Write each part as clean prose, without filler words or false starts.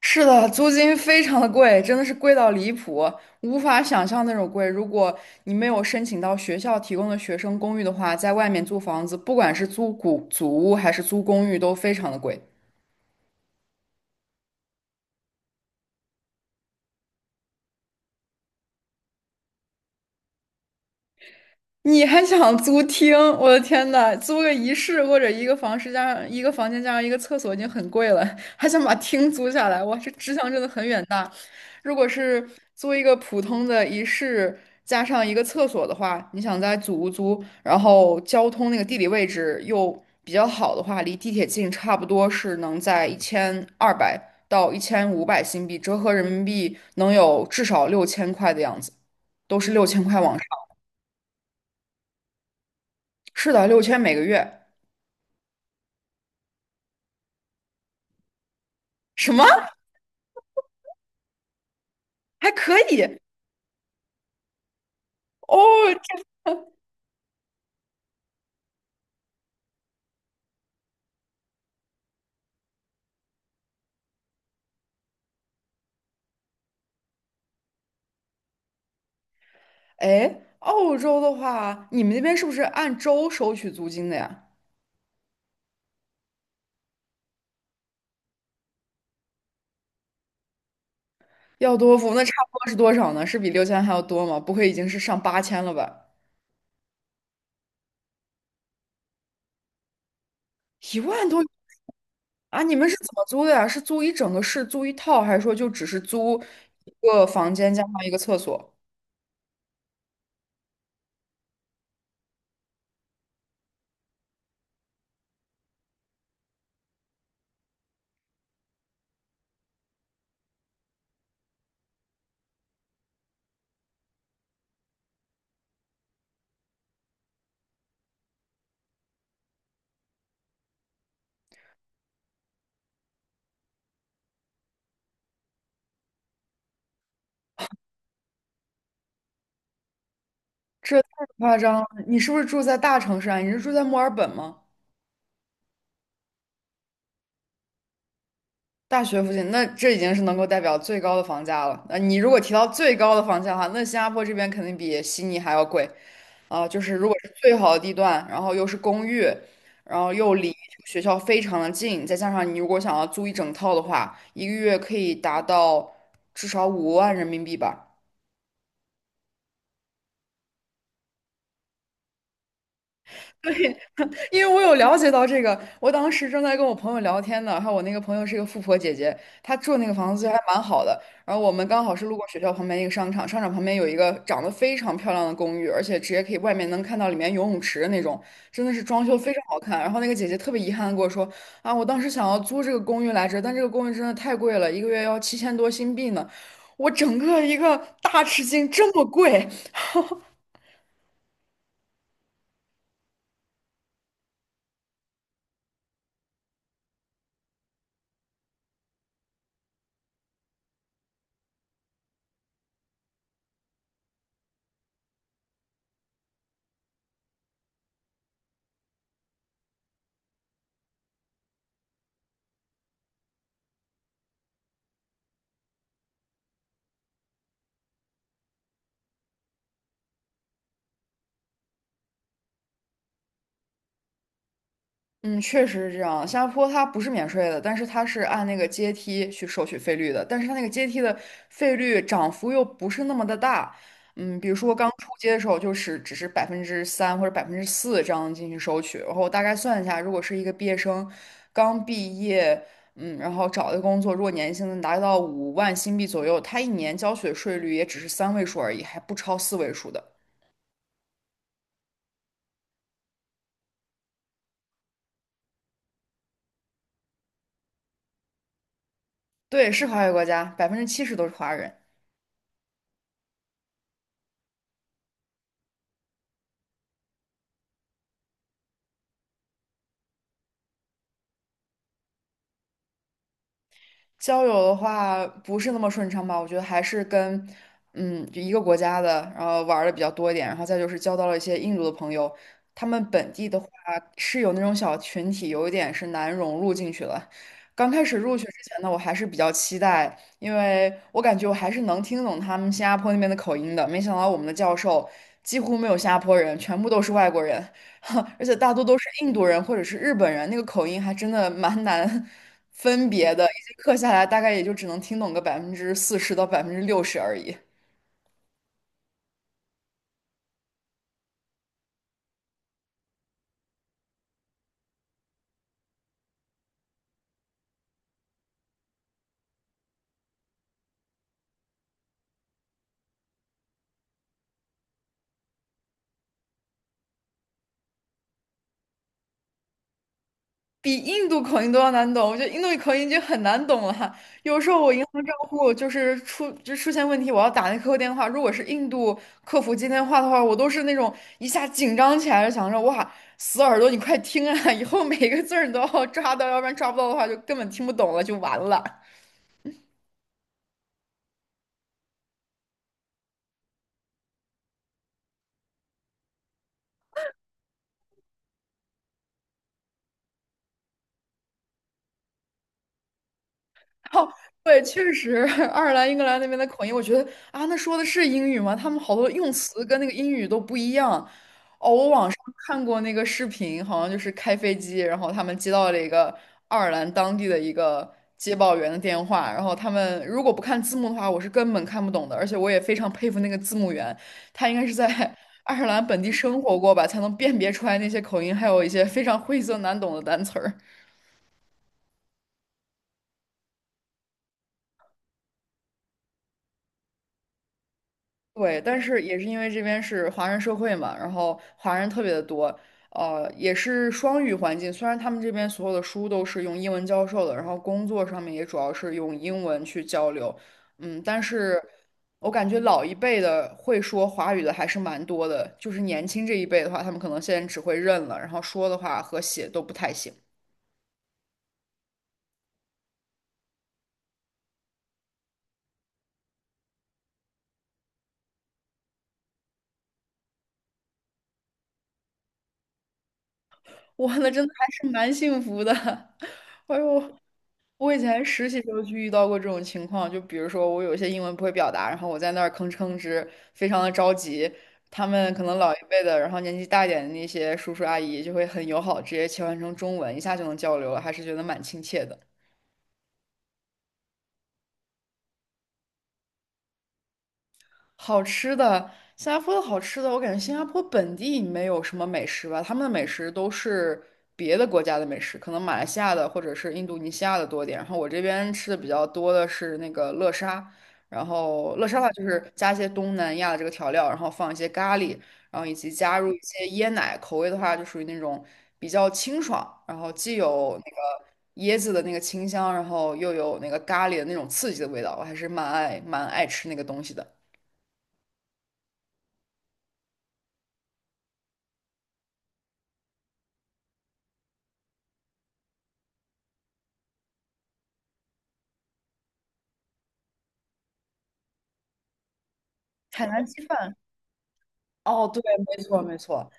是的，租金非常的贵，真的是贵到离谱，无法想象那种贵。如果你没有申请到学校提供的学生公寓的话，在外面租房子，不管是租古祖屋还是租公寓，都非常的贵。你还想租厅？我的天呐，租个一室或者一个房室加上一个房间加上一个厕所已经很贵了，还想把厅租下来，哇，这志向真的很远大。如果是租一个普通的一室加上一个厕所的话，你想在祖屋租，然后交通那个地理位置又比较好的话，离地铁近，差不多是能在1200到1500新币，折合人民币能有至少六千块的样子，都是六千块往上。是的，6000每个月，什么还可以哦？这哎，澳洲的话，你们那边是不是按周收取租金的呀？要多付，那差不多是多少呢？是比六千还要多吗？不会已经是上8000了吧？一万多啊？你们是怎么租的呀？是租一整个市，租一套，还是说就只是租一个房间加上一个厕所？这太夸张了！你是不是住在大城市啊？你是住在墨尔本吗？大学附近，那这已经是能够代表最高的房价了。那你如果提到最高的房价的话，那新加坡这边肯定比悉尼还要贵啊、就是如果是最好的地段，然后又是公寓，然后又离学校非常的近，再加上你如果想要租一整套的话，一个月可以达到至少5万人民币吧。对。因为我有了解到这个，我当时正在跟我朋友聊天呢，还有我那个朋友是一个富婆姐姐，她住那个房子还蛮好的。然后我们刚好是路过学校旁边一个商场，商场旁边有一个长得非常漂亮的公寓，而且直接可以外面能看到里面游泳池的那种，真的是装修非常好看。然后那个姐姐特别遗憾的跟我说，啊，我当时想要租这个公寓来着，但这个公寓真的太贵了，一个月要7000多新币呢。我整个一个大吃惊，这么贵！嗯，确实是这样。新加坡它不是免税的，但是它是按那个阶梯去收取费率的，但是它那个阶梯的费率涨幅又不是那么的大。嗯，比如说刚出街的时候，就是只是3%或者百分之四这样进行收取，然后我大概算一下，如果是一个毕业生刚毕业，嗯，然后找的工作，如果年薪能达到5万新币左右，他一年交取的税率也只是三位数而已，还不超四位数的。对，是华语国家，70%都是华人。交友的话不是那么顺畅吧？我觉得还是跟就一个国家的，然后玩的比较多一点，然后再就是交到了一些印度的朋友，他们本地的话是有那种小群体，有一点是难融入进去了。刚开始入学之前呢，我还是比较期待，因为我感觉我还是能听懂他们新加坡那边的口音的。没想到我们的教授几乎没有新加坡人，全部都是外国人，而且大多都是印度人或者是日本人，那个口音还真的蛮难 分别的。一节课下来，大概也就只能听懂个40%到60%而已，比印度口音都要难懂。我觉得印度口音已经很难懂了。有时候我银行账户就是出现问题，我要打那客服电话，如果是印度客服接电话的话，我都是那种一下紧张起来就想着哇，死耳朵，你快听啊！以后每一个字儿你都要抓到，要不然抓不到的话就根本听不懂了，就完了。哦，对，确实，爱尔兰、英格兰那边的口音，我觉得啊，那说的是英语吗？他们好多用词跟那个英语都不一样。哦，我网上看过那个视频，好像就是开飞机，然后他们接到了一个爱尔兰当地的一个接报员的电话，然后他们如果不看字幕的话，我是根本看不懂的。而且我也非常佩服那个字幕员，他应该是在 爱尔兰本地生活过吧，才能辨别出来那些口音，还有一些非常晦涩难懂的单词儿。对，但是也是因为这边是华人社会嘛，然后华人特别的多，也是双语环境。虽然他们这边所有的书都是用英文教授的，然后工作上面也主要是用英文去交流，嗯，但是我感觉老一辈的会说华语的还是蛮多的，就是年轻这一辈的话，他们可能现在只会认了，然后说的话和写都不太行。哇，那真的还是蛮幸福的，哎呦。我以前实习时候就遇到过这种情况，就比如说我有一些英文不会表达，然后我在那儿吭哧吭哧，非常的着急。他们可能老一辈的，然后年纪大一点的那些叔叔阿姨就会很友好，直接切换成中文，一下就能交流了，还是觉得蛮亲切的。好吃的，新加坡的好吃的，我感觉新加坡本地没有什么美食吧，他们的美食都是别的国家的美食，可能马来西亚的或者是印度尼西亚的多一点。然后我这边吃的比较多的是那个乐沙，然后乐沙的话就是加一些东南亚的这个调料，然后放一些咖喱，然后以及加入一些椰奶，口味的话就属于那种比较清爽，然后既有那个椰子的那个清香，然后又有那个咖喱的那种刺激的味道，我还是蛮爱蛮爱吃那个东西的。海南鸡饭，哦，对，没错没错，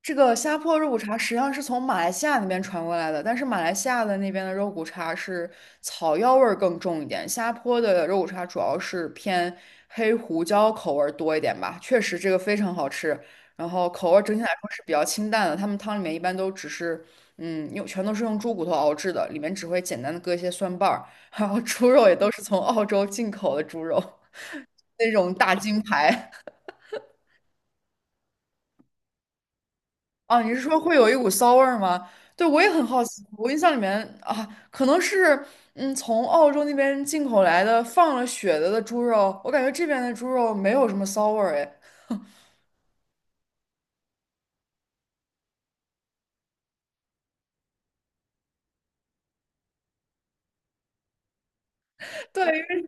这个虾坡肉骨茶实际上是从马来西亚那边传过来的，但是马来西亚的那边的肉骨茶是草药味儿更重一点，虾坡的肉骨茶主要是偏黑胡椒口味儿多一点吧。确实，这个非常好吃，然后口味儿整体来说是比较清淡的。他们汤里面一般都只是，嗯，用全都是用猪骨头熬制的，里面只会简单的搁一些蒜瓣儿，然后猪肉也都是从澳洲进口的猪肉，那种大金牌。啊，你是说会有一股骚味儿吗？对，我也很好奇。我印象里面啊，可能是从澳洲那边进口来的放了血的猪肉，我感觉这边的猪肉没有什么骚味儿哎。对，因为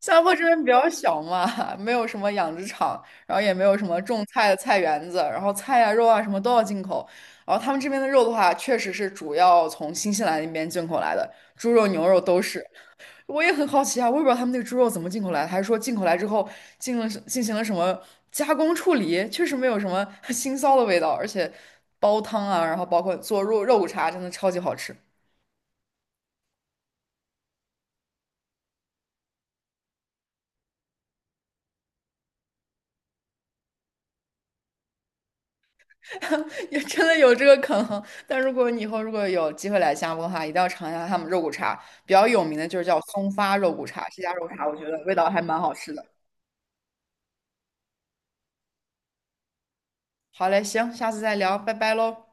新加坡这边比较小嘛，没有什么养殖场，然后也没有什么种菜的菜园子，然后菜呀、肉啊什么都要进口。然后他们这边的肉的话，确实是主要从新西兰那边进口来的，猪肉、牛肉都是。我也很好奇啊，我也不知道他们那个猪肉怎么进口来的，还是说进口来之后进行了什么加工处理，确实没有什么 腥臊的味道，而且煲汤啊，然后包括做肉骨茶，真的超级好吃，也真的有这个可能。但如果你以后如果有机会来新加坡的话，一定要尝一下他们肉骨茶，比较有名的就是叫松发肉骨茶，这家肉骨茶我觉得味道还蛮好吃的。好嘞，行，下次再聊，拜拜喽。